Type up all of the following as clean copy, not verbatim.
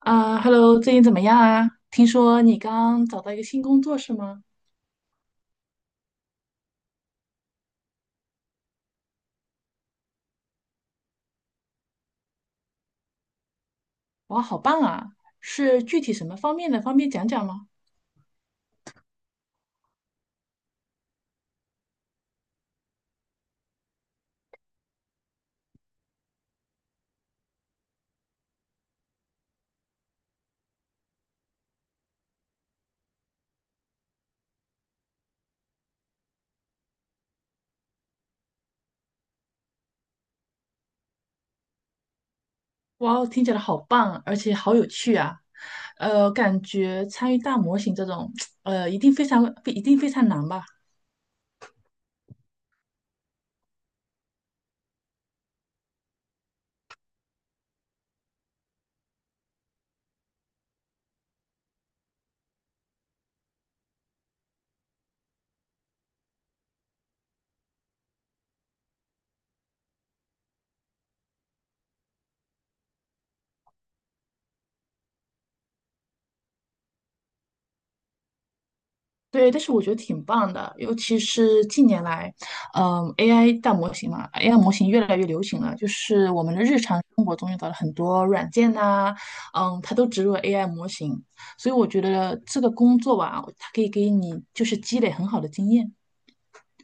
啊，Hello，最近怎么样啊？听说你刚找到一个新工作是吗？哇，好棒啊！是具体什么方面的？方便讲讲吗？哇，听起来好棒啊，而且好有趣啊！感觉参与大模型这种，一定非常，一定非常难吧？对，但是我觉得挺棒的，尤其是近年来，嗯，AI 大模型嘛，AI 模型越来越流行了，就是我们的日常生活中用到了很多软件呐、嗯，它都植入了 AI 模型，所以我觉得这个工作吧，它可以给你就是积累很好的经验，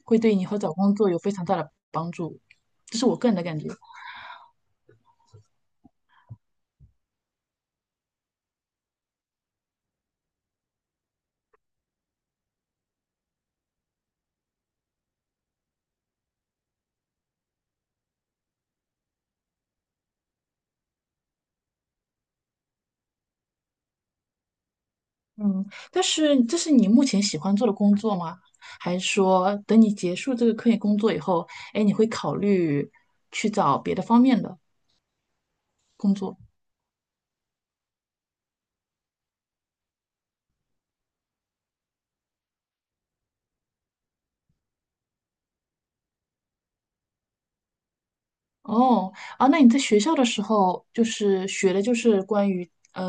会对你以后找工作有非常大的帮助，这是我个人的感觉。嗯，但是这是你目前喜欢做的工作吗？还是说等你结束这个科研工作以后，哎，你会考虑去找别的方面的工作？哦，啊，那你在学校的时候就是学的就是关于嗯、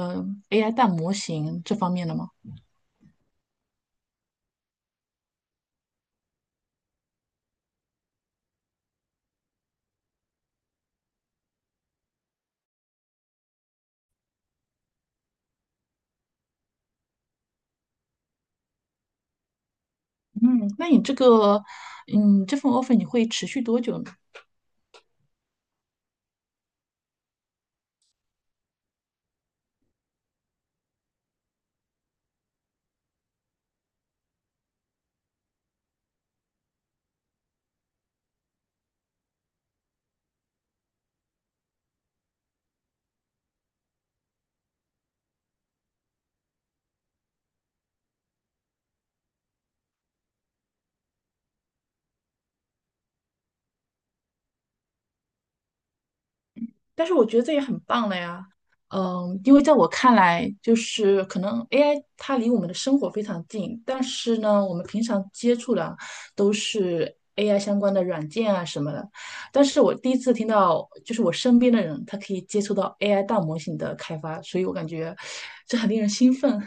呃 AI 大模型这方面的吗？嗯，那你这个嗯这份 offer 你会持续多久呢？但是我觉得这也很棒了呀。嗯，因为在我看来，就是可能 AI 它离我们的生活非常近，但是呢，我们平常接触的都是 AI 相关的软件啊什么的。但是我第一次听到，就是我身边的人他可以接触到 AI 大模型的开发，所以我感觉这很令人兴奋。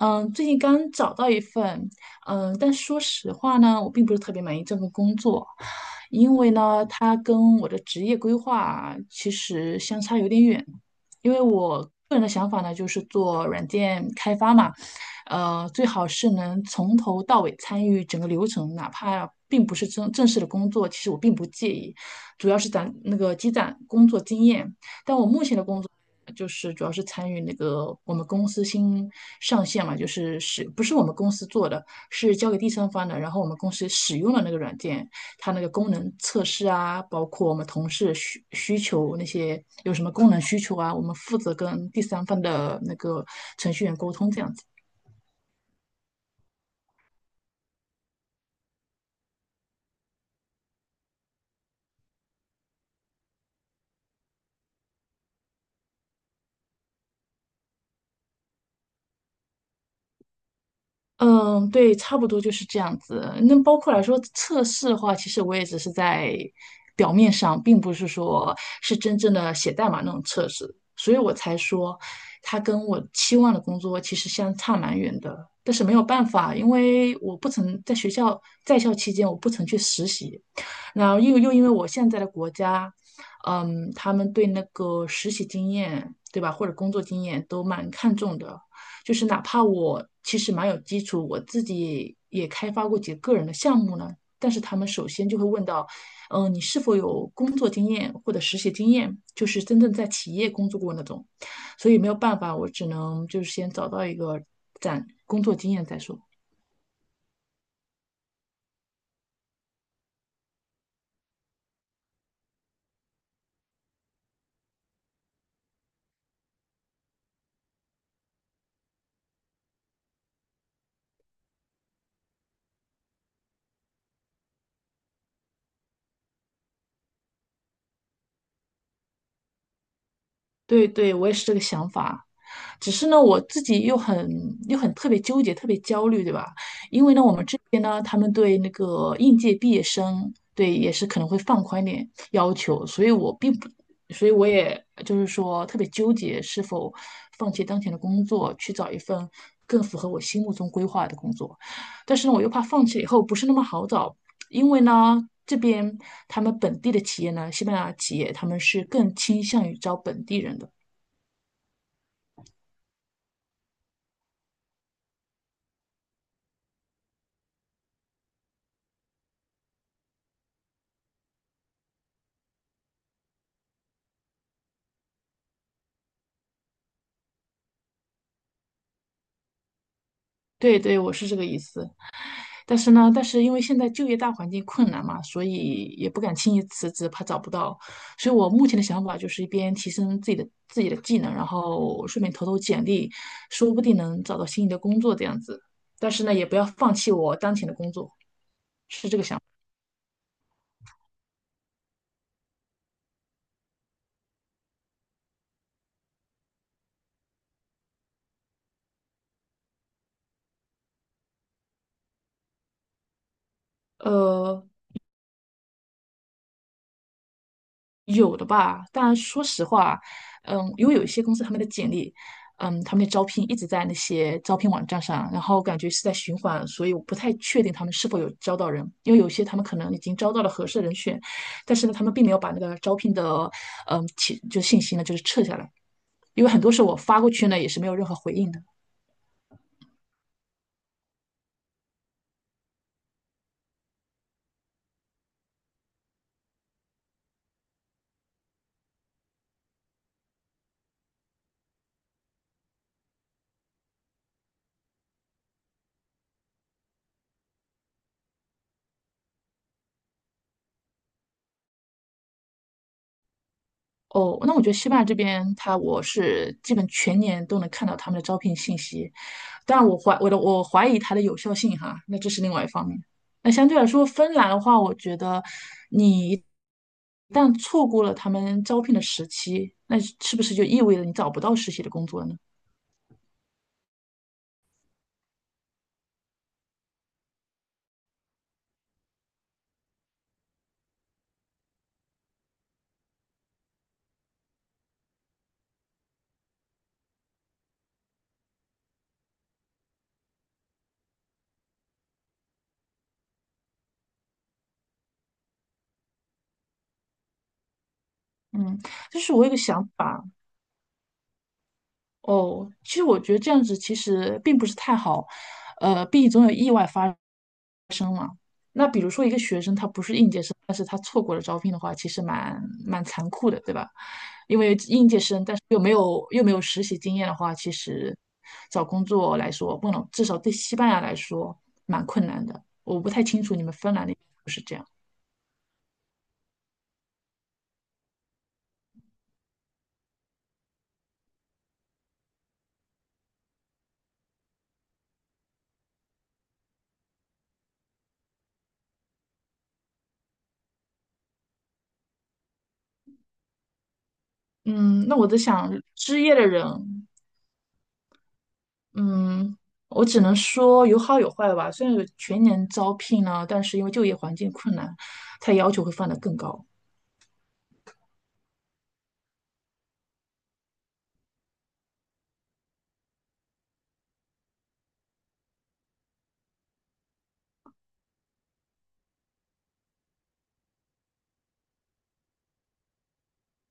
嗯，最近刚找到一份，嗯，但说实话呢，我并不是特别满意这份工作，因为呢，它跟我的职业规划其实相差有点远。因为我个人的想法呢，就是做软件开发嘛，最好是能从头到尾参与整个流程，哪怕并不是正正式的工作，其实我并不介意，主要是攒那个积攒工作经验。但我目前的工作就是主要是参与那个我们公司新上线嘛，就是使不是我们公司做的，是交给第三方的，然后我们公司使用了那个软件，它那个功能测试啊，包括我们同事需求那些有什么功能需求啊，我们负责跟第三方的那个程序员沟通这样子。嗯，对，差不多就是这样子。那包括来说测试的话，其实我也只是在表面上，并不是说是真正的写代码那种测试，所以我才说它跟我期望的工作其实相差蛮远的。但是没有办法，因为我不曾在学校在校期间，我不曾去实习，然后又因为我现在的国家，嗯，他们对那个实习经验，对吧，或者工作经验都蛮看重的。就是哪怕我其实蛮有基础，我自己也开发过几个个人的项目呢，但是他们首先就会问到，你是否有工作经验或者实习经验，就是真正在企业工作过那种，所以没有办法，我只能就是先找到一个攒工作经验再说。对对，我也是这个想法。只是呢，我自己又很特别纠结，特别焦虑，对吧？因为呢，我们这边呢，他们对那个应届毕业生，对也是可能会放宽一点要求，所以我并不，所以我也就是说特别纠结，是否放弃当前的工作，去找一份更符合我心目中规划的工作。但是呢，我又怕放弃以后不是那么好找，因为呢，这边他们本地的企业呢，西班牙企业他们是更倾向于招本地人的。对对，我是这个意思。但是呢，但是因为现在就业大环境困难嘛，所以也不敢轻易辞职，怕找不到。所以我目前的想法就是一边提升自己的技能，然后顺便投投简历，说不定能找到心仪的工作这样子。但是呢，也不要放弃我当前的工作，是这个想法。呃，有的吧，但说实话，嗯，因为有一些公司他们的简历，嗯，他们的招聘一直在那些招聘网站上，然后感觉是在循环，所以我不太确定他们是否有招到人，因为有些他们可能已经招到了合适的人选，但是呢，他们并没有把那个招聘的，嗯，信息呢，就是撤下来，因为很多时候我发过去呢，也是没有任何回应的。哦，那我觉得西班牙这边，它我是基本全年都能看到他们的招聘信息，但我怀疑它的有效性哈，那这是另外一方面。那相对来说，芬兰的话，我觉得你一旦错过了他们招聘的时期，那是不是就意味着你找不到实习的工作呢？嗯，就是我有个想法，哦，其实我觉得这样子其实并不是太好，毕竟总有意外发生嘛。那比如说一个学生他不是应届生，但是他错过了招聘的话，其实蛮残酷的，对吧？因为应届生，但是又没有实习经验的话，其实找工作来说，不能，至少对西班牙来说蛮困难的。我不太清楚你们芬兰那边是不是这样。嗯，那我在想，失业的人嗯，我只能说有好有坏吧。虽然有全年招聘呢，但是因为就业环境困难，它要求会放得更高。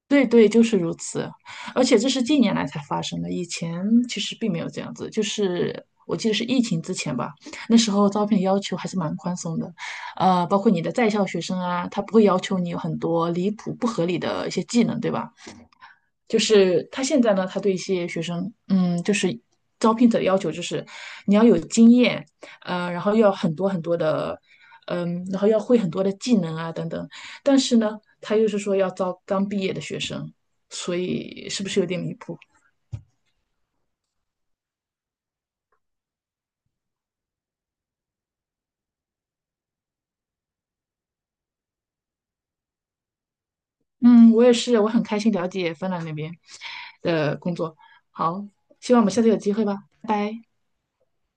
对对，就是如此。而且这是近年来才发生的，以前其实并没有这样子。就是我记得是疫情之前吧，那时候招聘要求还是蛮宽松的，包括你的在校学生啊，他不会要求你有很多离谱不合理的一些技能，对吧？就是他现在呢，他对一些学生，嗯，就是招聘者的要求就是你要有经验，然后要很多很多的，嗯，然后要会很多的技能啊等等。但是呢，他又是说要招刚毕业的学生，所以是不是有点离谱？嗯，我也是，我很开心了解芬兰那边的工作。好，希望我们下次有机会吧。